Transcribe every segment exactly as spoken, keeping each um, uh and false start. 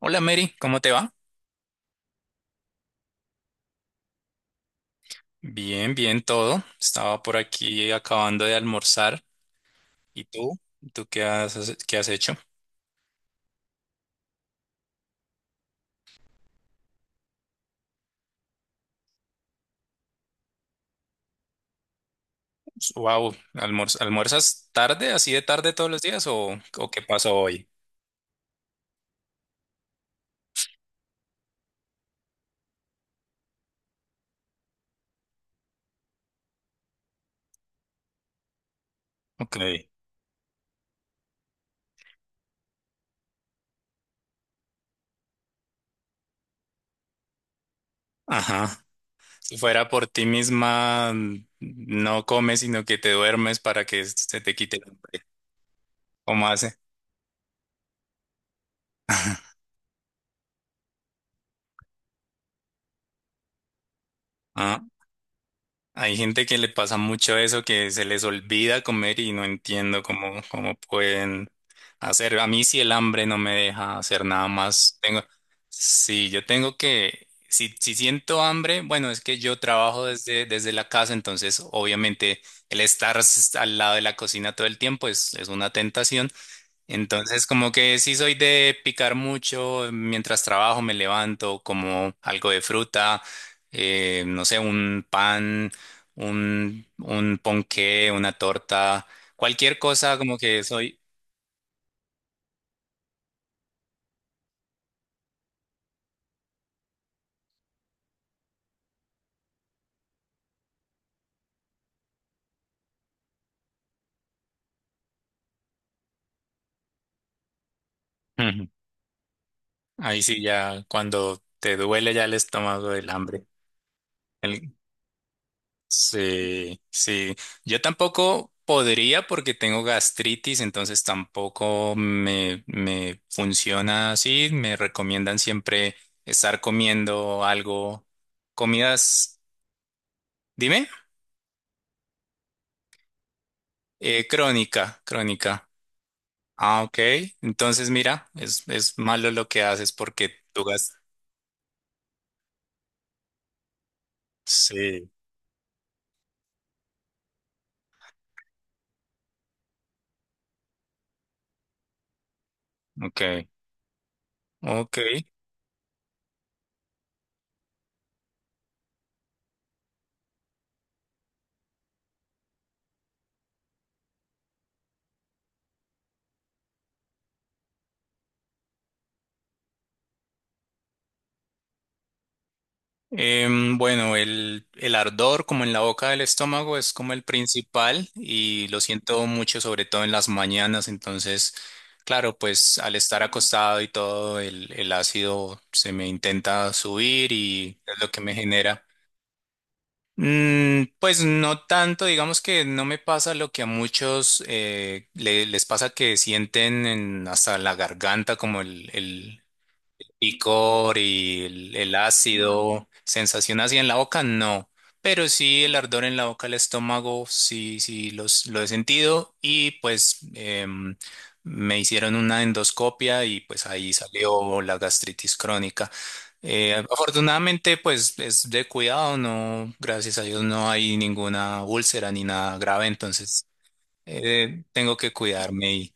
Hola Mary, ¿cómo te va? Bien, bien todo. Estaba por aquí acabando de almorzar. ¿Y tú? ¿Tú qué has, qué has hecho? Wow, ¿almuerzas tarde, así de tarde todos los días o, o qué pasó hoy? Ok. Ajá. Si fuera por ti misma, no comes, sino que te duermes para que se te quite. ¿Cómo hace? Ah. Hay gente que le pasa mucho eso, que se les olvida comer y no entiendo cómo, cómo pueden hacer. A mí si el hambre no me deja hacer nada más. Tengo, sí, yo tengo que, si, si siento hambre, bueno, es que yo trabajo desde, desde la casa, entonces obviamente el estar s- al lado de la cocina todo el tiempo es, es una tentación. Entonces, como que sí soy de picar mucho, mientras trabajo me levanto, como algo de fruta, eh, no sé, un pan, un, un ponqué, una torta, cualquier cosa como que soy... Ujú. Ahí sí ya, cuando te duele ya el estómago del hambre. Sí, sí. Yo tampoco podría porque tengo gastritis, entonces tampoco me, me funciona así. Me recomiendan siempre estar comiendo algo, comidas, dime, eh, crónica, crónica. Ah, ok. Entonces, mira, es, es malo lo que haces porque tú gas. Sí, ok, ok. Em, bueno, el, el ardor como en la boca del estómago es como el principal y lo siento mucho, sobre todo en las mañanas. Entonces, claro, pues al estar acostado y todo, el, el ácido se me intenta subir y es lo que me genera. Mm, pues no tanto, digamos que no me pasa lo que a muchos eh, le- les pasa que sienten en- hasta la garganta como el, el- picor y el, el ácido, sensación así en la boca, no. Pero sí el ardor en la boca, el estómago, sí, sí los, lo he sentido y pues em, me hicieron una endoscopia y pues ahí salió la gastritis crónica. Eh, afortunadamente pues es de cuidado, no, gracias a Dios no hay ninguna úlcera ni nada grave, entonces eh, tengo que cuidarme.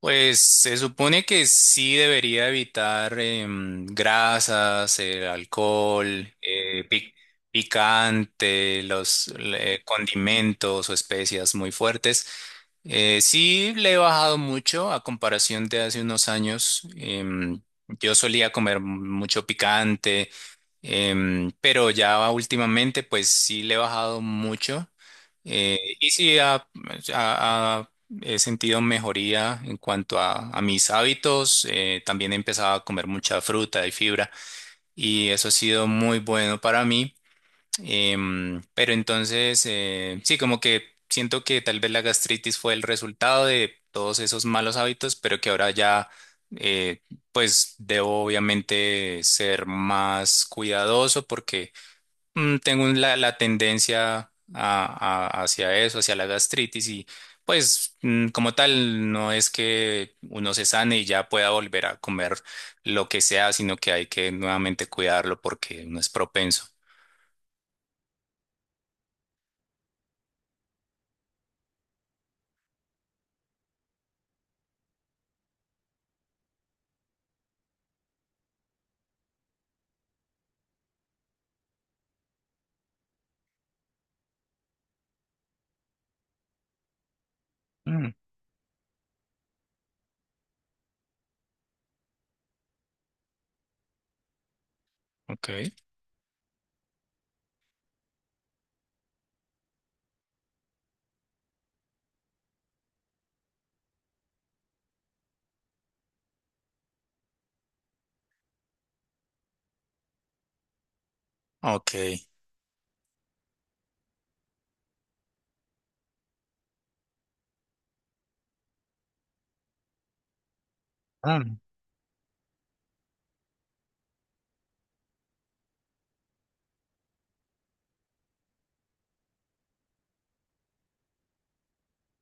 Pues se supone que sí debería evitar em, grasas, el alcohol, eh, pic- picante, los le- condimentos o especias muy fuertes. Eh, sí le he bajado mucho a comparación de hace unos años. Em, yo solía comer mucho picante, em, pero ya últimamente pues sí le he bajado mucho. Eh, y sí ha, ha- ha He sentido mejoría en cuanto a, a mis hábitos. Eh, también he empezado a comer mucha fruta y fibra y eso ha sido muy bueno para mí. Em, pero entonces, eh, sí, como que siento que tal vez la gastritis fue el resultado de todos esos malos hábitos, pero que ahora ya, eh, pues debo obviamente ser más cuidadoso porque mm, Tengo un- la, la tendencia a- a- hacia eso, hacia la gastritis y pues mm, como tal no es que uno se sane y ya pueda volver a comer lo que sea, sino que hay que nuevamente cuidarlo porque uno es propenso. Mm, ok, ok.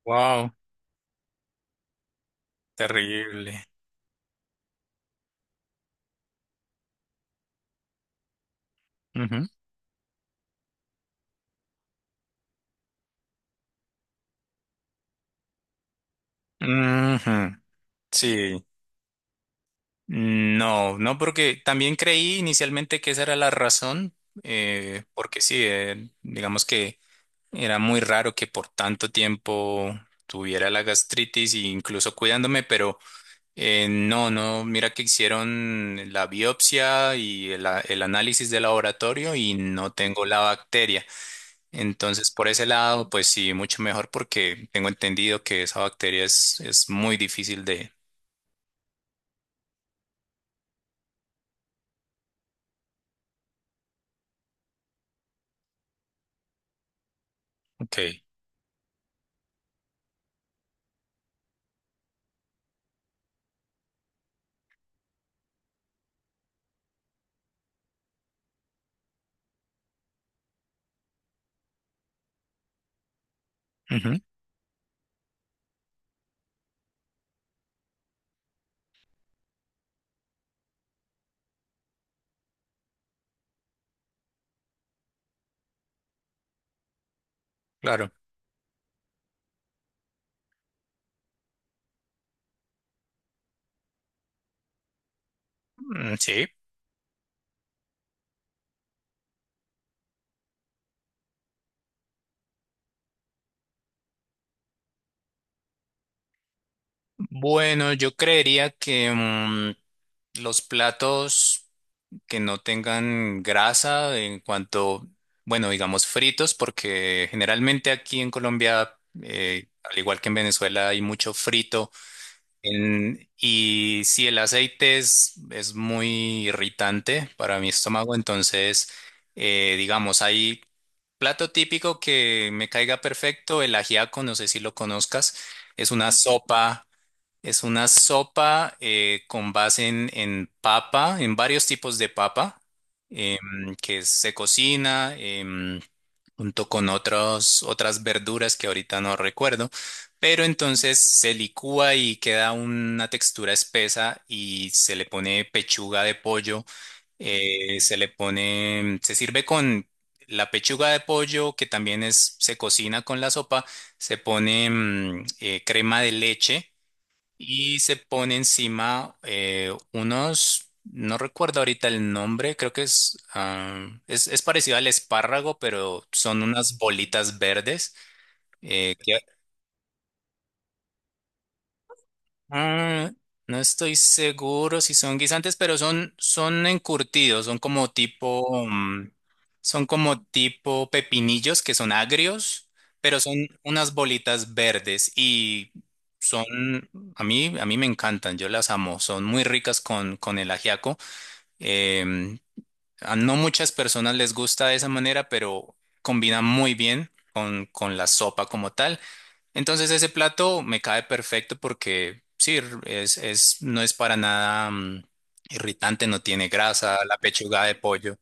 Wow, terrible. Ujú. Ujú, sí, no, no, porque también creí inicialmente que esa era la razón, eh, porque sí, eh, digamos que... Era muy raro que por tanto tiempo tuviera la gastritis e incluso cuidándome, pero eh, no, no, mira que hicieron la biopsia y el, a- el análisis de laboratorio y no tengo la bacteria. Entonces, por ese lado, pues sí, mucho mejor porque tengo entendido que esa bacteria es, es muy difícil de... Ok. Ujú, claro. Mm, sí. Bueno, yo creería que mm, los platos... que no tengan grasa en cuanto, bueno, digamos fritos, porque generalmente aquí en Colombia, eh, al igual que en Venezuela, hay mucho frito. En- y si el aceite es, es muy irritante para mi estómago, entonces, eh, digamos, hay plato típico que me caiga perfecto, el ajiaco, no sé si lo conozcas, es una sopa. Es una sopa eh, con base en, en papa, en varios tipos de papa, em, que se cocina em, junto con otros, otras verduras que ahorita no recuerdo, pero entonces se licúa y queda una textura espesa y se le pone pechuga de pollo, eh, se le pone, se sirve con la pechuga de pollo que también es, se cocina con la sopa, se pone mm, eh, crema de leche y se pone encima eh, unos, no recuerdo ahorita el nombre, creo que es, ah, es, es parecido al espárrago, pero son unas bolitas verdes eh, que ah, no estoy seguro si son guisantes, pero son, son encurtidos, son como tipo, mm, son como tipo pepinillos que son agrios, pero son unas bolitas verdes y son, a mí, a mí me encantan, yo las amo, son muy ricas con, con el ajiaco. Em, a no muchas personas les gusta de esa manera, pero combina muy bien con, con la sopa como tal. Entonces ese plato me cae perfecto porque sí, r- es, es, no es para nada mm, irritante, no tiene grasa, la pechuga de pollo.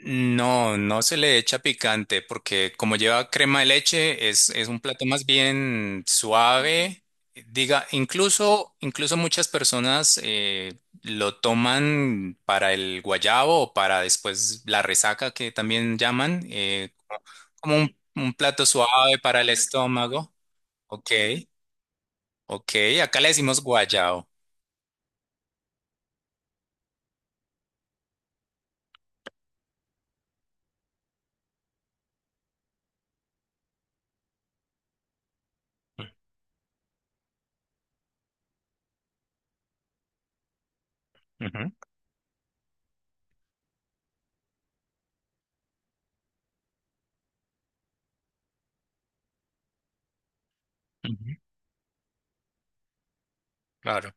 No, no se le echa picante porque como lleva crema de leche, es, es un plato más bien suave. Diga, incluso, incluso muchas personas eh, lo toman para el guayabo o para después la resaca que también llaman, eh, como como un un plato suave para el estómago. Ok, ok. Acá le decimos guayao. Ujú, ujú, claro.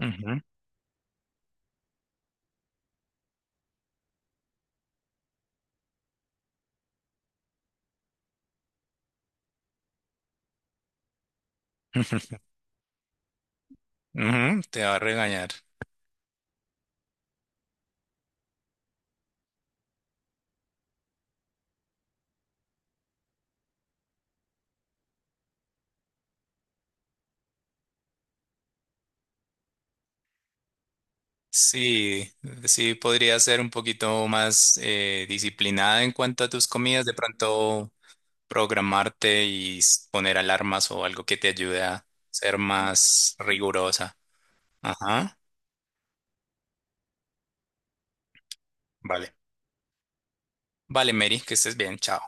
Ujú, ujú, ujú, te va a regañar. Sí, sí, podría ser un poquito más eh, disciplinada en cuanto a tus comidas, de pronto programarte y s- poner alarmas o algo que te ayude a ser más rigurosa. Ajá, vale. Vale, Mary, que estés bien, chao.